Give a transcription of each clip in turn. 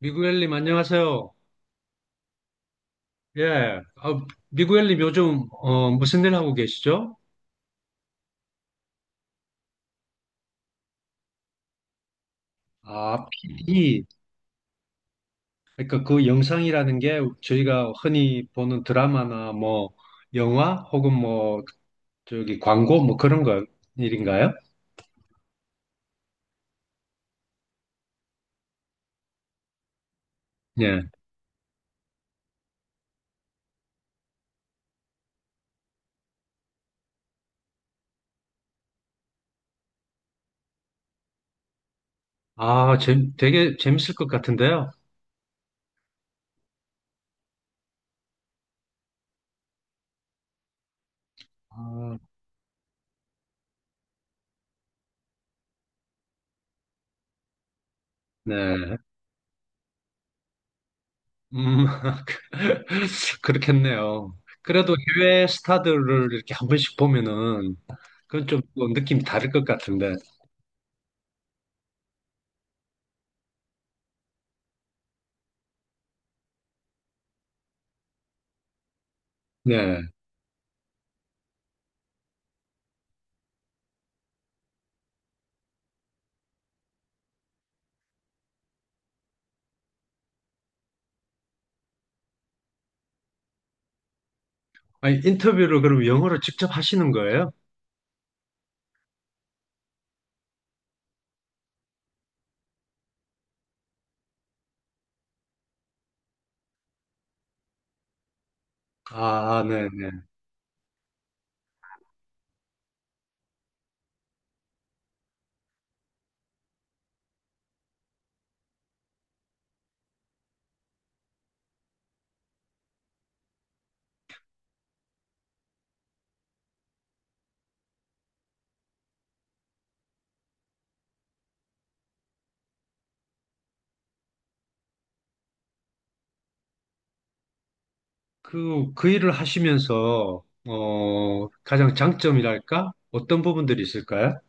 미구엘님, 안녕하세요. 예. 아, 미구엘님, 요즘, 무슨 일 하고 계시죠? 아, PD. 그러니까 그 영상이라는 게 저희가 흔히 보는 드라마나 뭐, 영화 혹은 뭐, 저기 광고 뭐 그런 거 일인가요? 예. 아, 되게 재밌을 것 같은데요. 아, 네. 음, 그렇겠네요. 그래도 해외 스타들을 이렇게 한 번씩 보면은 그건 좀 느낌이 다를 것 같은데. 네. 아니, 인터뷰를 그럼 영어로 직접 하시는 거예요? 아, 네. 네. 그 일을 하시면서, 가장 장점이랄까? 어떤 부분들이 있을까요?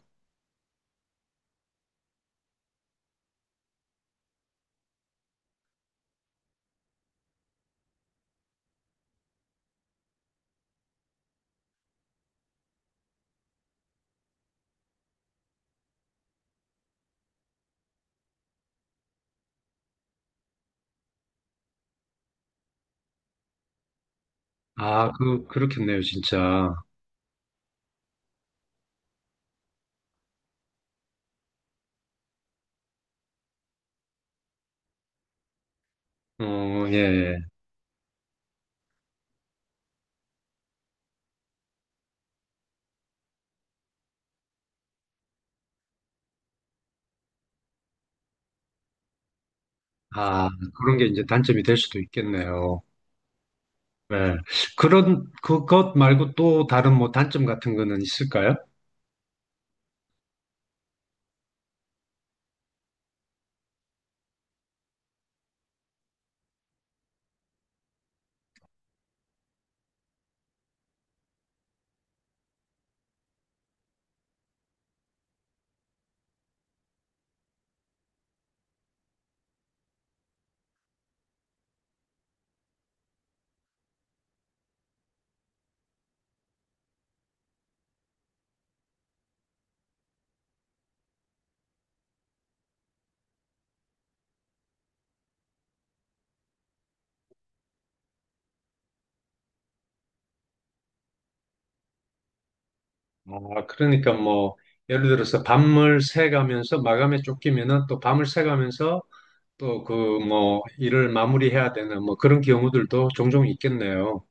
아, 그렇겠네요, 진짜. 어, 예. 예. 아, 그런 게 이제 단점이 될 수도 있겠네요. 네. 그것 말고 또 다른 뭐 단점 같은 거는 있을까요? 아, 그러니까 뭐, 예를 들어서 밤을 새가면서 마감에 쫓기면은 또 밤을 새가면서 또 그 뭐 일을 마무리해야 되는 뭐 그런 경우들도 종종 있겠네요.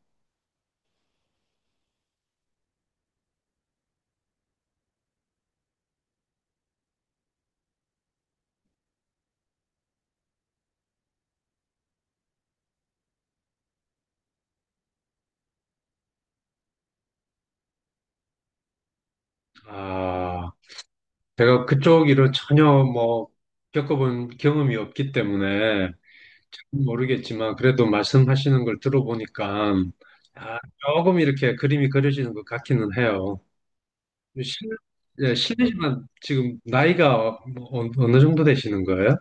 아, 제가 그쪽 일은 전혀 뭐 겪어본 경험이 없기 때문에 모르겠지만 그래도 말씀하시는 걸 들어보니까 아, 조금 이렇게 그림이 그려지는 것 같기는 해요. 실, 예, 실례지만 지금 나이가 뭐 어느 정도 되시는 거예요?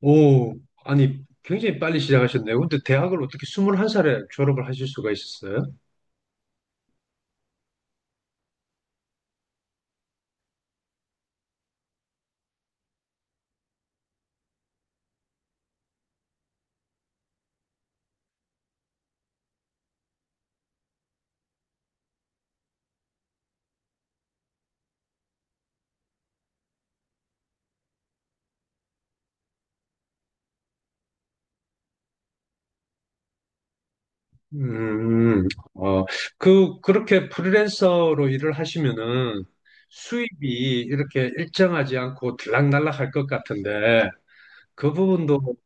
오, 아니 굉장히 빨리 시작하셨네요. 근데 대학을 어떻게 21살에 졸업을 하실 수가 있었어요? 음, 음. 어, 그렇게 프리랜서로 일을 하시면은 수입이 이렇게 일정하지 않고 들락날락 할 것 같은데 그 부분도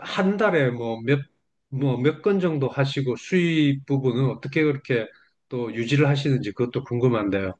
한 달에 뭐 뭐 몇 건 정도 하시고 수입 부분은 어떻게 그렇게 또 유지를 하시는지 그것도 궁금한데요.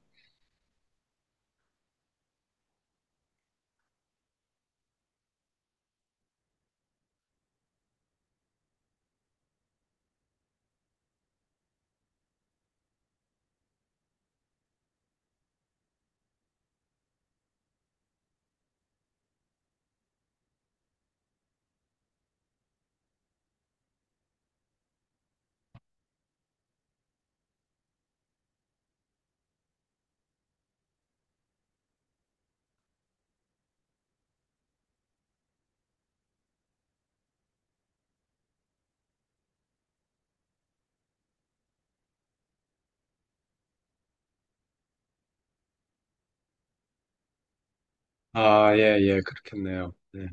아, 예, 예, 그렇겠네요. 네.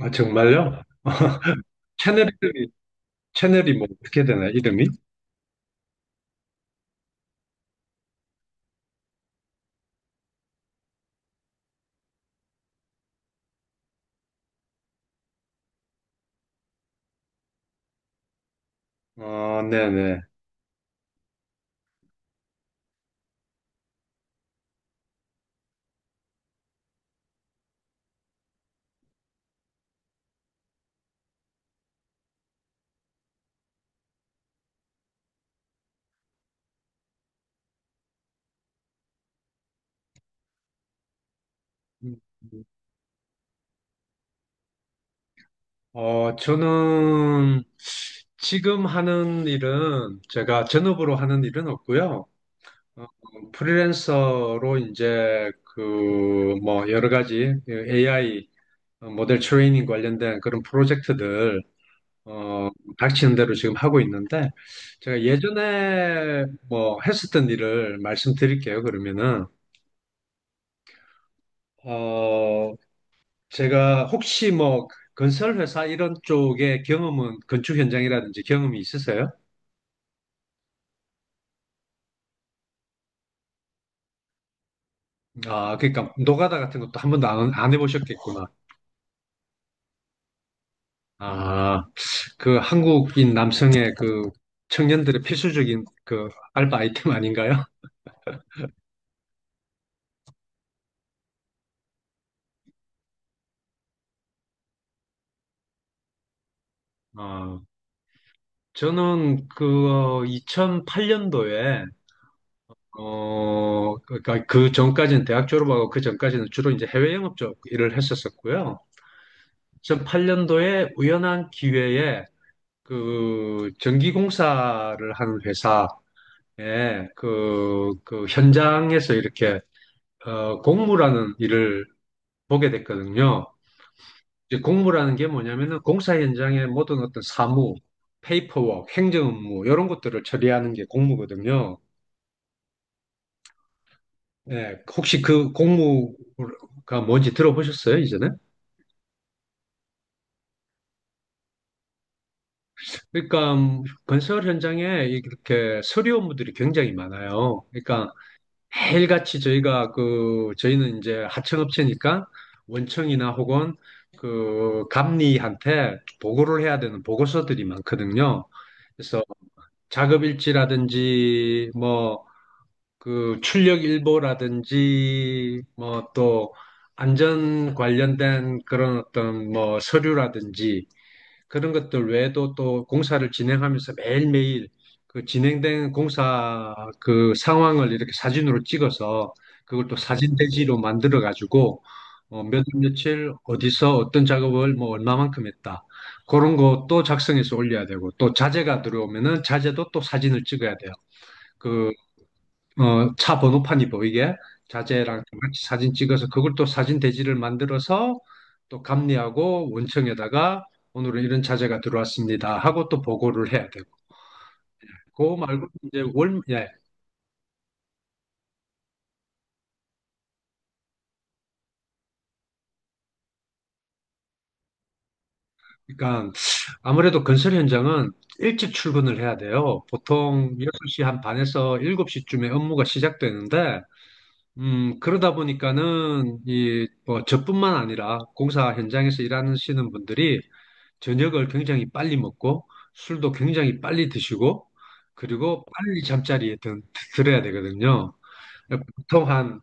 아, 정말요? 채널 이름이, 채널이 뭐 어떻게 되나, 이름이? 네네. 저는 지금 하는 일은 제가 전업으로 하는 일은 없고요. 어, 프리랜서로 이제 그 뭐 여러 가지 AI 모델 트레이닝 관련된 그런 프로젝트들. 어, 닥치는 대로 지금 하고 있는데 제가 예전에 뭐 했었던 일을 말씀드릴게요. 그러면은 어, 제가 혹시 뭐 건설 회사 이런 쪽에 경험은 건축 현장이라든지 경험이 있으세요? 아, 그러니까 노가다 같은 것도 한 번도 안 해보셨겠구나. 아, 그 한국인 남성의 그 청년들의 필수적인 그 알바 아이템 아닌가요? 어, 저는 그 2008년도에 그러니까 그 전까지는 대학 졸업하고 그 전까지는 주로 이제 해외 영업 쪽 일을 했었었고요. 2008년도에 우연한 기회에 그 전기공사를 하는 회사에 그 현장에서 이렇게 공무라는 일을 보게 됐거든요. 이제 공무라는 게 뭐냐면은 공사 현장의 모든 어떤 사무, 페이퍼워크, 행정 업무 이런 것들을 처리하는 게 공무거든요. 예, 혹시 그 공무가 뭔지 들어보셨어요, 이전에? 그러니까 건설 현장에 이렇게 서류 업무들이 굉장히 많아요. 그러니까 매일같이 저희가 그 저희는 이제 하청업체니까 원청이나 혹은 그 감리한테 보고를 해야 되는 보고서들이 많거든요. 그래서 작업일지라든지 뭐 그 출력 일보라든지 뭐 또 안전 관련된 그런 어떤 뭐 서류라든지 그런 것들 외에도 또 공사를 진행하면서 매일매일 그 진행된 공사 그 상황을 이렇게 사진으로 찍어서 그걸 또 사진 대지로 만들어 가지고 몇 월 며칠 어디서 어떤 작업을 뭐 얼마만큼 했다. 그런 거 또 작성해서 올려야 되고 또 자재가 들어오면은 자재도 또 사진을 찍어야 돼요. 그 차 번호판이 보이게 자재랑 다 같이 사진 찍어서 그걸 또 사진 대지를 만들어서 또 감리하고 원청에다가 오늘은 이런 자재가 들어왔습니다 하고 또 보고를 해야 되고 그거 말고 이제 예. 그러니까 아무래도 건설 현장은 일찍 출근을 해야 돼요. 보통 6시 한 반에서 7시쯤에 업무가 시작되는데 그러다 보니까는 이 뭐 저뿐만 아니라 공사 현장에서 일하시는 분들이 저녁을 굉장히 빨리 먹고 술도 굉장히 빨리 드시고 그리고 빨리 잠자리에 들어야 되거든요. 보통 한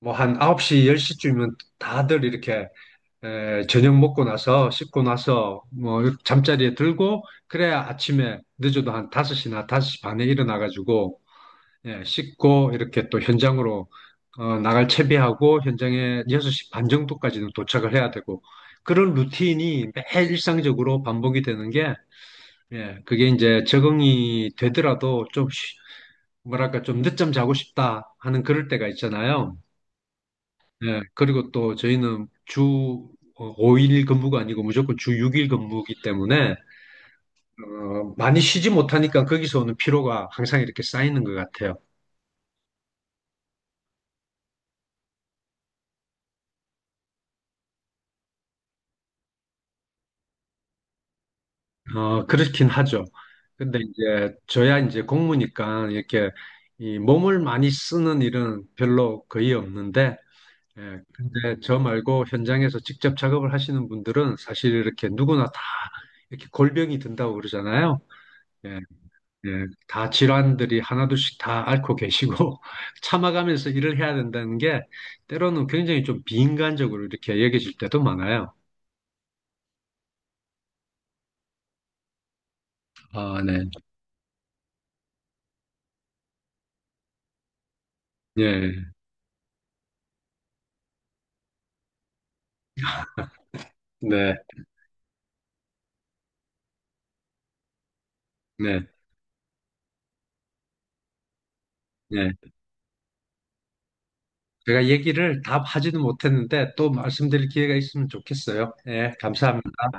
뭐 한 9시, 10시쯤이면 다들 이렇게 저녁 먹고 나서 씻고 나서 뭐 잠자리에 들고 그래야 아침에 늦어도 한 5시나 5시 반에 일어나 가지고 예, 씻고 이렇게 또 현장으로 나갈 채비하고 현장에 6시 반 정도까지는 도착을 해야 되고 그런 루틴이 매일 일상적으로 반복이 되는 게 예, 그게 이제 적응이 되더라도 좀, 뭐랄까, 좀 늦잠 자고 싶다 하는 그럴 때가 있잖아요. 예, 그리고 또 저희는 주 5일 근무가 아니고 무조건 주 6일 근무이기 때문에, 많이 쉬지 못하니까 거기서 오는 피로가 항상 이렇게 쌓이는 것 같아요. 그렇긴 하죠. 근데 이제 저야 이제 공무니까 이렇게 이 몸을 많이 쓰는 일은 별로 거의 없는데, 예, 근데 저 말고 현장에서 직접 작업을 하시는 분들은 사실 이렇게 누구나 다 이렇게 골병이 든다고 그러잖아요. 예, 예, 다 질환들이 하나둘씩 다 앓고 계시고 참아가면서 일을 해야 된다는 게 때로는 굉장히 좀 비인간적으로 이렇게 여겨질 때도 많아요. 아, 네. 예, 네, 네, 네. 제가 얘기를 다 하지는 못했는데 또 말씀드릴 기회가 있으면 좋겠어요. 예, 감사합니다.